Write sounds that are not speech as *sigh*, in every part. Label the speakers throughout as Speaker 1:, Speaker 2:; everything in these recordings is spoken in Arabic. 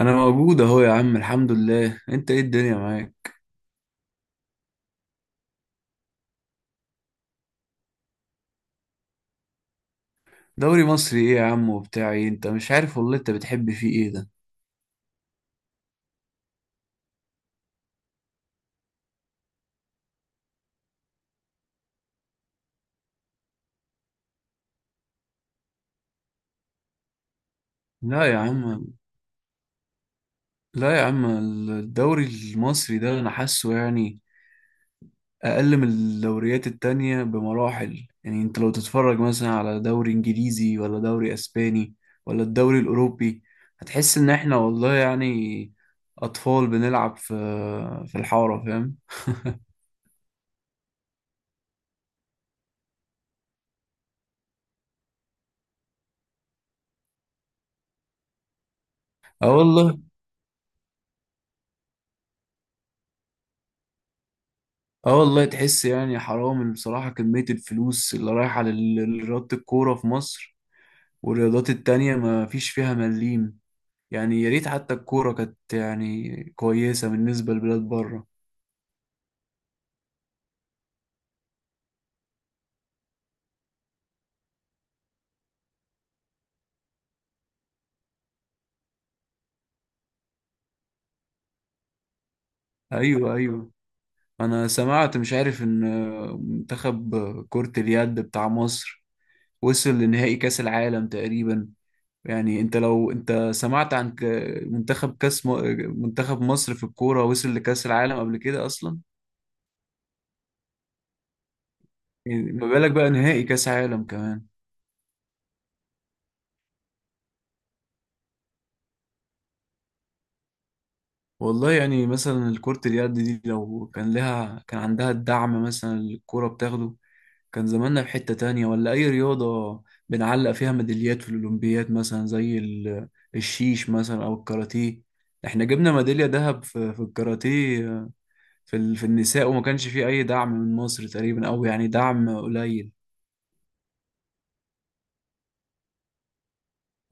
Speaker 1: انا موجود اهو يا عم، الحمد لله. انت ايه؟ الدنيا معاك؟ دوري مصري ايه يا عم وبتاع ايه؟ انت مش عارف والله، انت بتحب فيه ايه ده؟ لا يا عم. لا يا عم. الدوري المصري ده انا حاسه يعني اقل من الدوريات التانية بمراحل. يعني انت لو تتفرج مثلا على دوري انجليزي ولا دوري اسباني ولا الدوري الاوروبي، هتحس ان احنا والله يعني اطفال بنلعب في الحارة، فاهم؟ اه والله. اه والله. تحس يعني حرام بصراحة كمية الفلوس اللي رايحة لرياضة الكورة في مصر، والرياضات التانية ما فيش فيها مليم. يعني يا ريت حتى الكورة كانت يعني كويسة بالنسبة لبلاد بره. أيوة، أيوة. أنا سمعت، مش عارف، إن منتخب كرة اليد بتاع مصر وصل لنهائي كأس العالم تقريبا. يعني أنت لو أنت سمعت عن منتخب مصر في الكورة وصل لكأس العالم قبل كده أصلا؟ يعني ما بالك بقى نهائي كاس عالم كمان. والله يعني مثلا الكرة اليد دي لو كان لها، كان عندها الدعم مثلا اللي الكرة بتاخده، كان زماننا في حتة تانية. ولا أي رياضة بنعلق فيها ميداليات في الأولمبياد، مثلا زي الشيش مثلا أو الكاراتيه. احنا جبنا ميدالية ذهب في الكاراتيه، في النساء، وما كانش فيه أي دعم من مصر تقريبا أو يعني دعم قليل.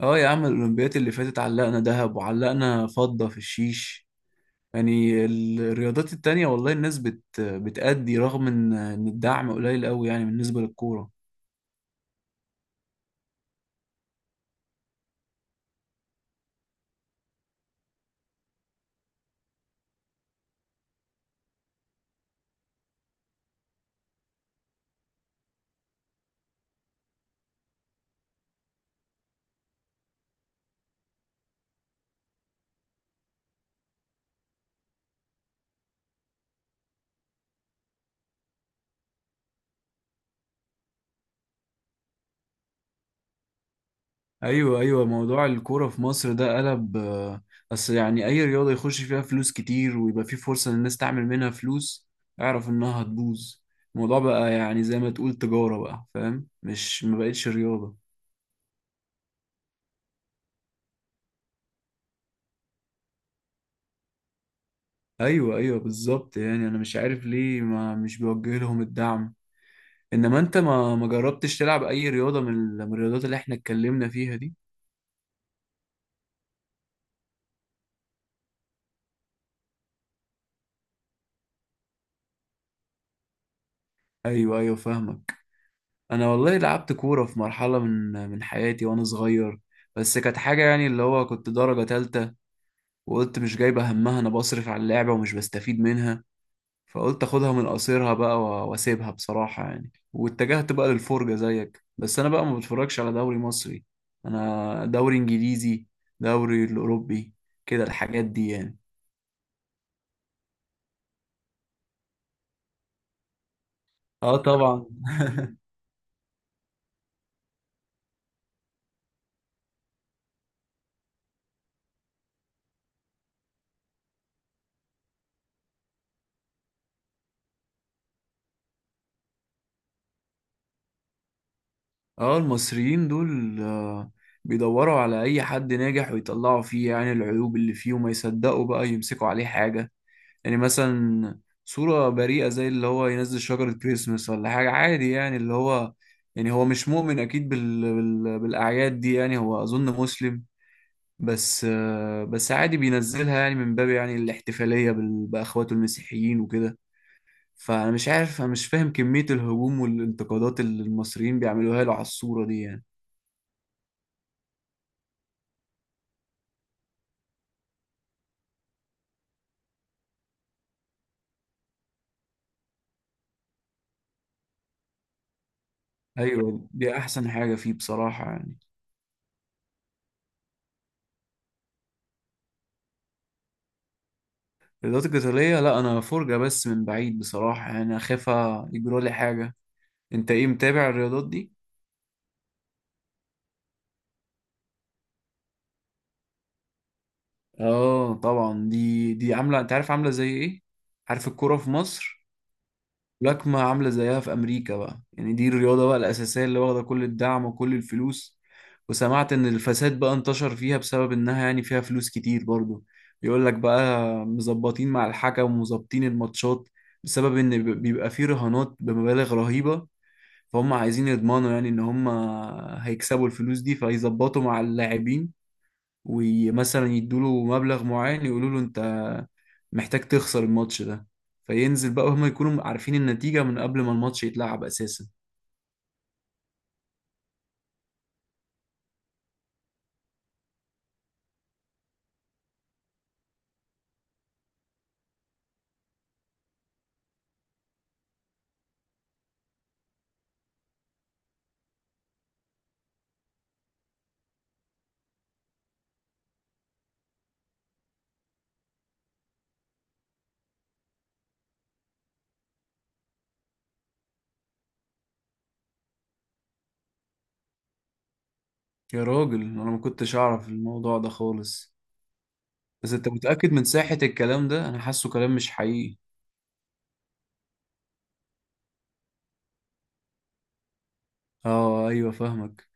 Speaker 1: اه يا عم، الأولمبياد اللي فاتت علقنا ذهب وعلقنا فضة في الشيش. يعني الرياضات التانية والله الناس بتأدي رغم إن الدعم قليل قوي يعني بالنسبة للكورة. ايوه، ايوه. موضوع الكورة في مصر ده قلب، بس يعني اي رياضة يخش فيها فلوس كتير ويبقى في فرصة للناس تعمل منها فلوس اعرف انها هتبوظ. الموضوع بقى يعني زي ما تقول تجارة بقى، فاهم؟ مش، ما بقتش رياضة. ايوه، ايوه، بالظبط. يعني انا مش عارف ليه ما مش بوجه لهم الدعم. انما انت ما جربتش تلعب اي رياضة من الرياضات اللي احنا اتكلمنا فيها دي؟ ايوه، ايوه، فاهمك. انا والله لعبت كوره في مرحله من حياتي وانا صغير، بس كانت حاجه يعني اللي هو كنت درجه تالتة، وقلت مش جايبه همها، انا بصرف على اللعبه ومش بستفيد منها، فقلت اخدها من قصيرها بقى واسيبها بصراحه يعني، واتجهت بقى للفرجه زيك، بس انا بقى ما بتفرجش على دوري مصري. انا دوري انجليزي، دوري الاوروبي، كده الحاجات دي يعني. اه طبعا. اه، المصريين دول بيدوروا على اي حد ناجح ويطلعوا فيه يعني العيوب اللي فيه وما يصدقوا بقى يمسكوا عليه حاجة. يعني مثلا صورة بريئة زي اللي هو ينزل شجرة كريسمس ولا حاجة عادي، يعني اللي هو يعني هو مش مؤمن اكيد بالاعياد دي، يعني هو اظن مسلم، بس بس عادي بينزلها يعني من باب يعني الاحتفالية باخواته المسيحيين وكده. فانا مش عارف، انا مش فاهم كمية الهجوم والانتقادات اللي المصريين بيعملوها له على الصورة دي يعني. ايوه، دي احسن حاجه فيه بصراحه يعني. الرياضات القتاليه لا، انا فرجه بس من بعيد بصراحه، يعني اخاف يجرى لي حاجه. انت ايه؟ متابع الرياضات دي؟ اه طبعا، دي عامله، انت عارف عامله زي ايه؟ عارف الكوره في مصر؟ ملاكمة عاملة زيها في أمريكا بقى، يعني دي الرياضة بقى الأساسية اللي واخدة كل الدعم وكل الفلوس. وسمعت إن الفساد بقى انتشر فيها بسبب إنها يعني فيها فلوس كتير برضو. يقول لك بقى مظبطين مع الحكم ومظبطين الماتشات بسبب إن بيبقى فيه رهانات بمبالغ رهيبة، فهم عايزين يضمنوا يعني إن هم هيكسبوا الفلوس دي، فيظبطوا مع اللاعبين ومثلا يدوا له مبلغ معين، يقولوا له أنت محتاج تخسر الماتش ده، فينزل بقى وهم يكونوا عارفين النتيجة من قبل ما الماتش يتلعب أساسا. يا راجل، أنا ما كنتش أعرف الموضوع ده خالص. بس أنت متأكد من صحة الكلام ده؟ أنا حاسه كلام مش حقيقي. آه أيوة، فاهمك.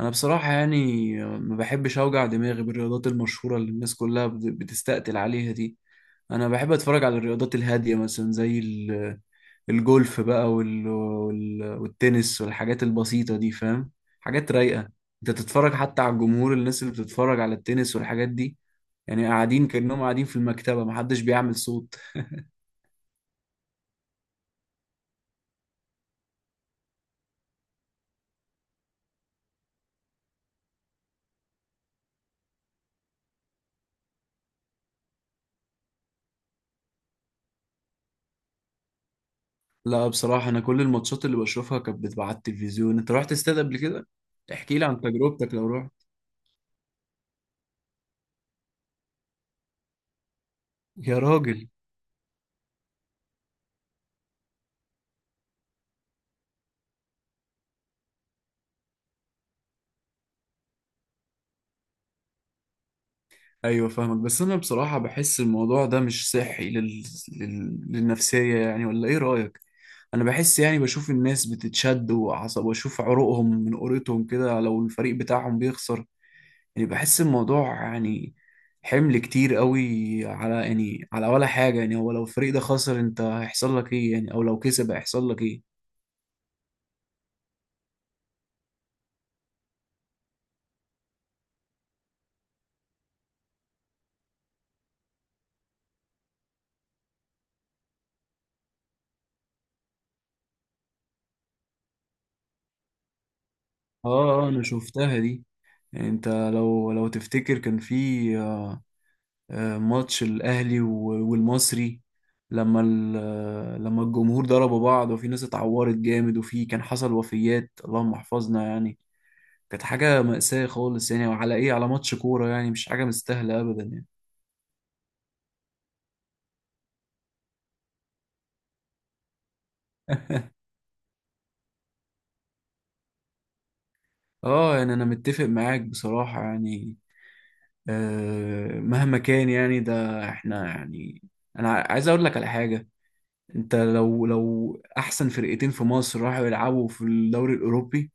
Speaker 1: أنا بصراحة يعني ما بحبش أوجع دماغي بالرياضات المشهورة اللي الناس كلها بتستقتل عليها دي. أنا بحب أتفرج على الرياضات الهادية مثلا زي الجولف بقى والتنس والحاجات البسيطة دي، فاهم؟ حاجات رايقة. انت تتفرج حتى على الجمهور، الناس اللي بتتفرج على التنس والحاجات دي، يعني قاعدين كأنهم قاعدين في المكتبة، محدش بيعمل صوت. لا بصراحة، أنا كل الماتشات اللي بشوفها كانت بتبقى على التلفزيون. أنت رحت استاد قبل كده؟ احكي لي عن تجربتك لو رحت. يا راجل. أيوة فاهمك، بس أنا بصراحة بحس الموضوع ده مش صحي للنفسية، يعني ولا إيه رأيك؟ انا بحس يعني بشوف الناس بتتشد وعصب واشوف عروقهم من قريتهم كده لو الفريق بتاعهم بيخسر. يعني بحس الموضوع يعني حمل كتير قوي على، يعني على ولا حاجة. يعني هو لو الفريق ده خسر انت هيحصل لك ايه؟ يعني او لو كسب هيحصل لك ايه؟ اه. انا شفتها دي. يعني انت لو تفتكر كان في ماتش الاهلي والمصري، لما ال- آه، لما الجمهور ضربوا بعض وفي ناس اتعورت جامد وفي كان حصل وفيات، اللهم احفظنا يعني. كانت حاجة مأساة خالص يعني، وعلى ايه؟ على ماتش كورة؟ يعني مش حاجة مستاهلة ابدا يعني. *laughs* اه يعني انا متفق معاك بصراحة يعني. مهما كان يعني ده احنا يعني، انا عايز اقول لك على حاجة. انت لو احسن فرقتين في مصر راحوا يلعبوا في الدوري الاوروبي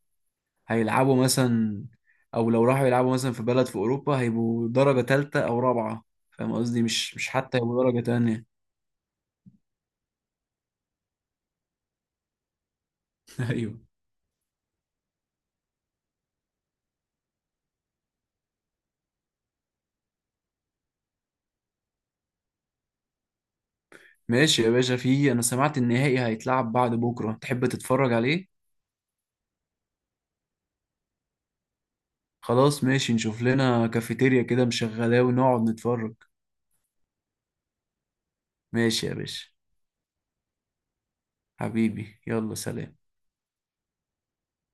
Speaker 1: هيلعبوا مثلا، او لو راحوا يلعبوا مثلا في بلد في اوروبا، هيبقوا درجة تالتة او رابعة. فاهم قصدي؟ مش حتى هيبقوا درجة تانية. *laughs* ايوه. ماشي يا باشا، فيه انا سمعت النهائي هيتلعب بعد بكره، تحب تتفرج عليه؟ خلاص ماشي، نشوف لنا كافيتيريا كده مشغلاه ونقعد نتفرج. ماشي يا باشا. حبيبي يلا سلام.